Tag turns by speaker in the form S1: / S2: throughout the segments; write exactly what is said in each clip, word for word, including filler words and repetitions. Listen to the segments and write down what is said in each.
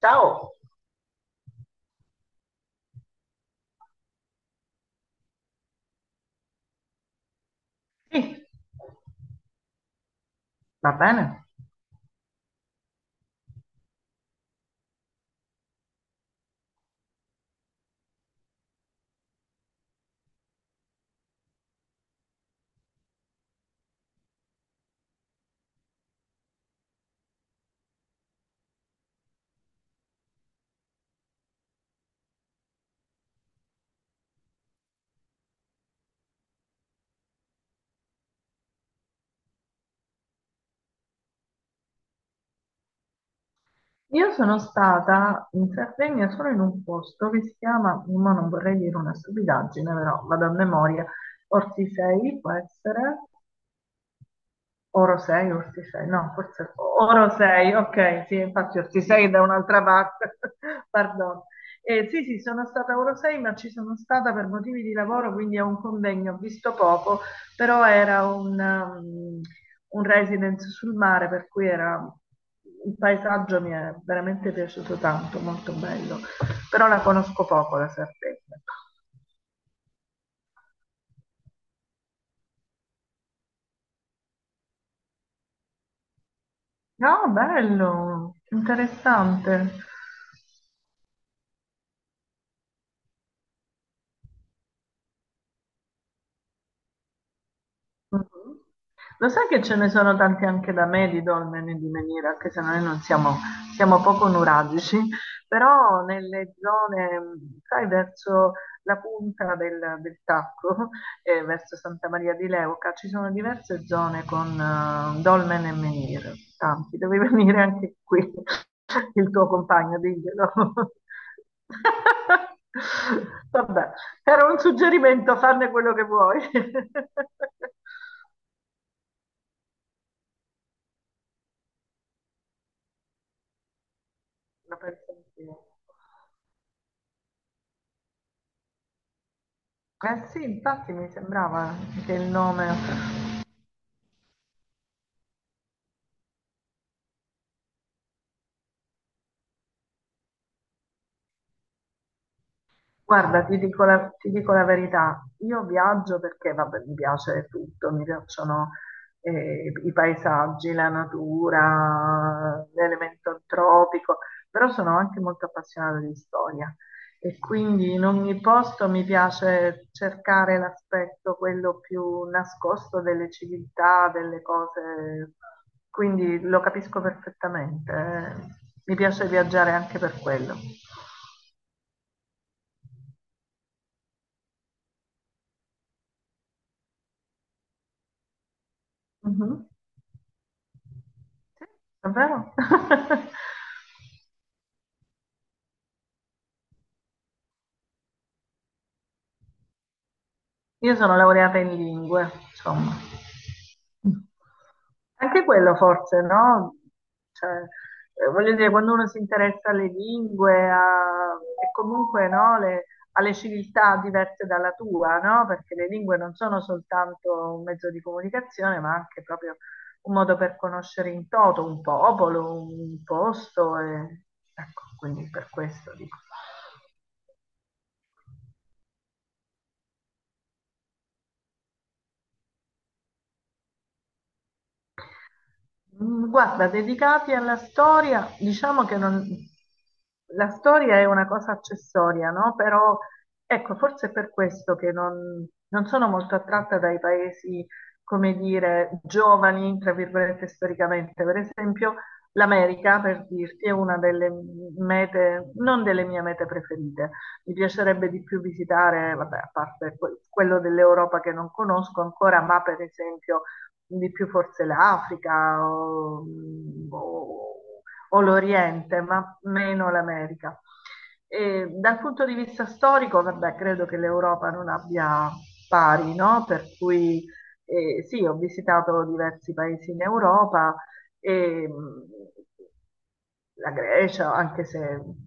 S1: Ciao. Sì, va bene. Io sono stata in Sardegna solo in un posto che si chiama, ma non vorrei dire una stupidaggine, però vado a memoria, Ortisei può essere, Oro sei, Ortisei, no, forse Oro sei, ok, sì, infatti Ortisei è da un'altra parte, pardon. Eh, sì, sì, sono stata a Oro sei, ma ci sono stata per motivi di lavoro, quindi a un convegno, ho visto poco, però era un, um, un residence sul mare, per cui era, il paesaggio mi è veramente piaciuto tanto, molto bello, però la conosco poco la Sardegna. No, bello, interessante. Mh-mh. Lo sai che ce ne sono tanti anche da me di dolmeni e di meniere, anche se noi non siamo, siamo poco nuragici, però nelle zone, mh, sai, verso la punta del, del Tacco e verso Santa Maria di Leuca ci sono diverse zone con eh, dolmen e menhir, tanti. Devi venire anche qui, il tuo compagno, diglielo. Vabbè, era un suggerimento, farne quello che vuoi. Lo penso anch'io. Eh sì, infatti mi sembrava che il nome. Guarda, ti dico la, ti dico la verità, io viaggio perché, vabbè, mi piace tutto, mi piacciono eh, i paesaggi, la natura, l'elemento tropico, però sono anche molto appassionata di storia e quindi in ogni posto mi piace cercare l'aspetto, quello più nascosto delle civiltà, delle cose, quindi lo capisco perfettamente, eh. Mi piace viaggiare anche per quello. Mhm. Sì, è vero. Io sono laureata in lingue, insomma. Anche quello forse, no? Cioè, eh, voglio dire, quando uno si interessa alle lingue a- e comunque no, le- alle civiltà diverse dalla tua, no? Perché le lingue non sono soltanto un mezzo di comunicazione, ma anche proprio un modo per conoscere in toto un popolo, un posto. E- Ecco, quindi per questo dico. Mm, guarda, dedicati alla storia, diciamo che non- la storia è una cosa accessoria, no? Però ecco, forse è per questo che non, non sono molto attratta dai paesi, come dire, giovani, tra virgolette, storicamente. Per esempio, l'America, per dirti, è una delle mete, non delle mie mete preferite. Mi piacerebbe di più visitare, vabbè, a parte que- quello dell'Europa che non conosco ancora, ma per esempio di più forse l'Africa o, o- o l'Oriente, ma meno l'America. E dal punto di vista storico, vabbè, credo che l'Europa non abbia pari, no? Per cui eh, sì, ho visitato diversi paesi in Europa, e, mh, la Grecia, anche se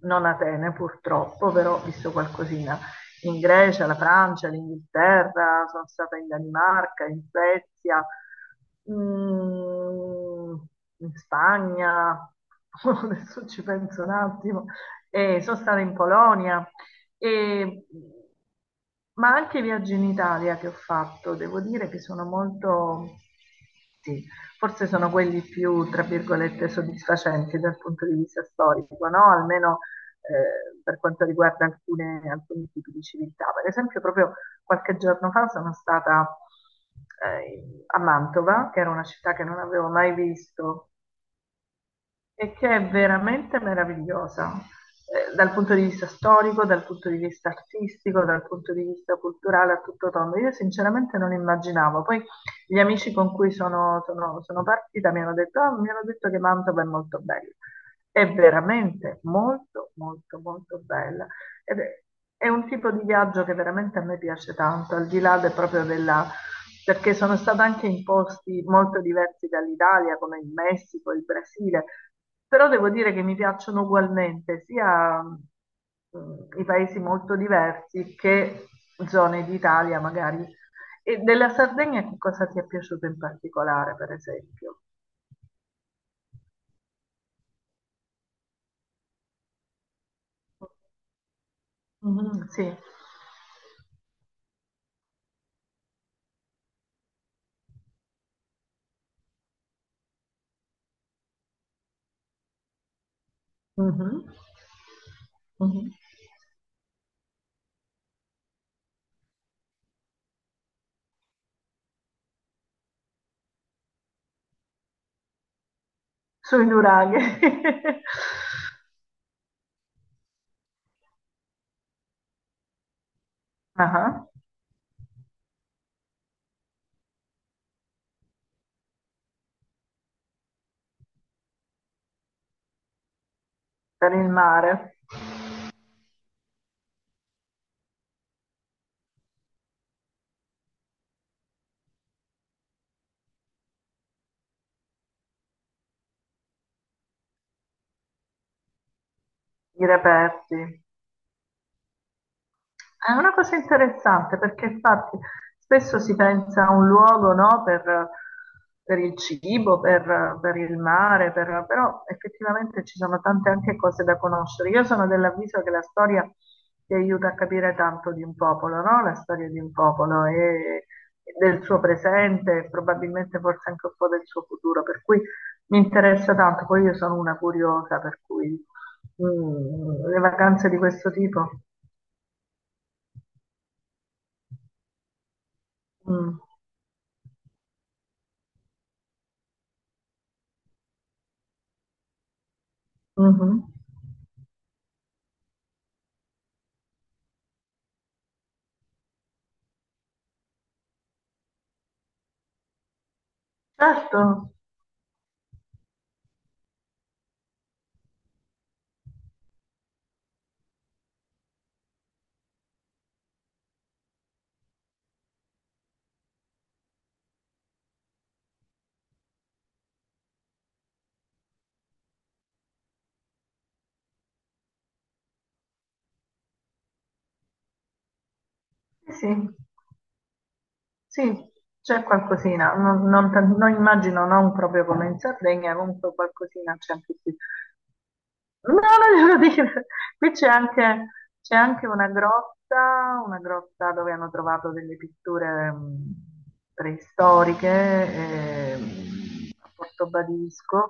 S1: non Atene purtroppo, però ho visto qualcosina in Grecia, la Francia, l'Inghilterra, sono stata in Danimarca, in Svezia, mm, in Spagna, adesso ci penso un attimo, e sono stata in Polonia, e- ma anche i viaggi in Italia che ho fatto, devo dire che sono molto, sì, forse sono quelli più, tra virgolette, soddisfacenti dal punto di vista storico, no? Almeno eh, per quanto riguarda alcune- alcuni tipi di civiltà. Per esempio, proprio qualche giorno fa sono stata eh, a Mantova, che era una città che non avevo mai visto e che è veramente meravigliosa, eh, dal punto di vista storico, dal punto di vista artistico, dal punto di vista culturale a tutto tondo. Io sinceramente non immaginavo. Poi gli amici con cui sono, sono- sono partita mi hanno detto, "Ah, mi hanno detto che Mantova è molto bella. È veramente molto, molto, molto bella." Ed è, è un tipo di viaggio che veramente a me piace tanto, al di là del- proprio della... perché sono stata anche in posti molto diversi dall'Italia, come il Messico, il Brasile, però devo dire che mi piacciono ugualmente sia mm, i paesi molto diversi che zone d'Italia magari. E della Sardegna che cosa ti è piaciuto in particolare, per esempio? Mhm, sì. Mhm, mhm. Sui nuraghi. Ah, per il mare, i reperti. È una cosa interessante perché infatti spesso si pensa a un luogo, no, per, per il cibo, per, per il mare, per- però effettivamente ci sono tante anche cose da conoscere. Io sono dell'avviso che la storia ti aiuta a capire tanto di un popolo, no? La storia di un popolo e e del suo presente, e probabilmente forse anche un po' del suo futuro, per cui mi interessa tanto. Poi io sono una curiosa, per cui mm, le vacanze di questo tipo. Mm. Mh-mh. Certo, sì, sì, sì, c'è qualcosina, non non tan non immagino non proprio come in Sardegna, comunque qualcosina c'è anche qui. No, non devo dire. Qui c'è anche, c'è anche una grotta, una grotta dove hanno trovato delle pitture mh, preistoriche ehm, a Portobadisco.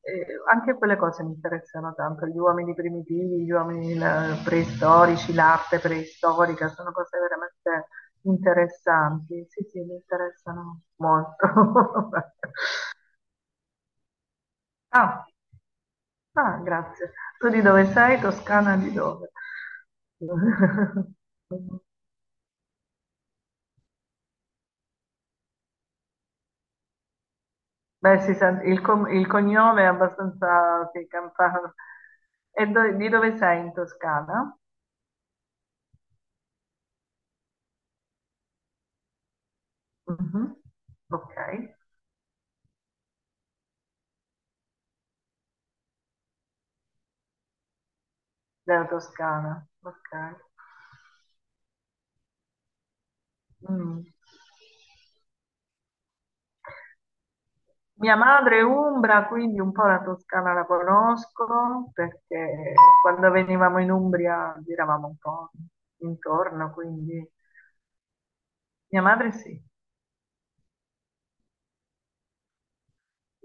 S1: Eh, anche quelle cose mi interessano tanto, gli uomini primitivi, gli uomini la- preistorici, l'arte preistorica, sono cose veramente interessanti. Sì, sì, mi interessano molto. Ah. Ah, grazie. Tu di dove sei? Toscana di dove? Beh, si sente- il, com- il cognome è abbastanza sì, campano. E do- di dove sei in Toscana? Mhm. Ok, della Toscana. Ok. Mm. Mia madre è umbra, quindi un po' la Toscana la conosco perché quando venivamo in Umbria giravamo un po' intorno, quindi mia madre sì.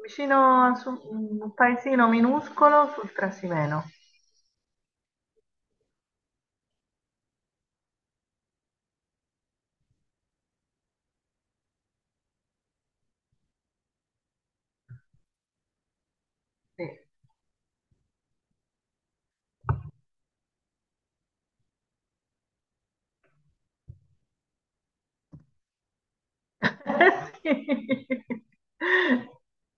S1: Vicino a su- un paesino minuscolo sul Trasimeno. Sì. Sì.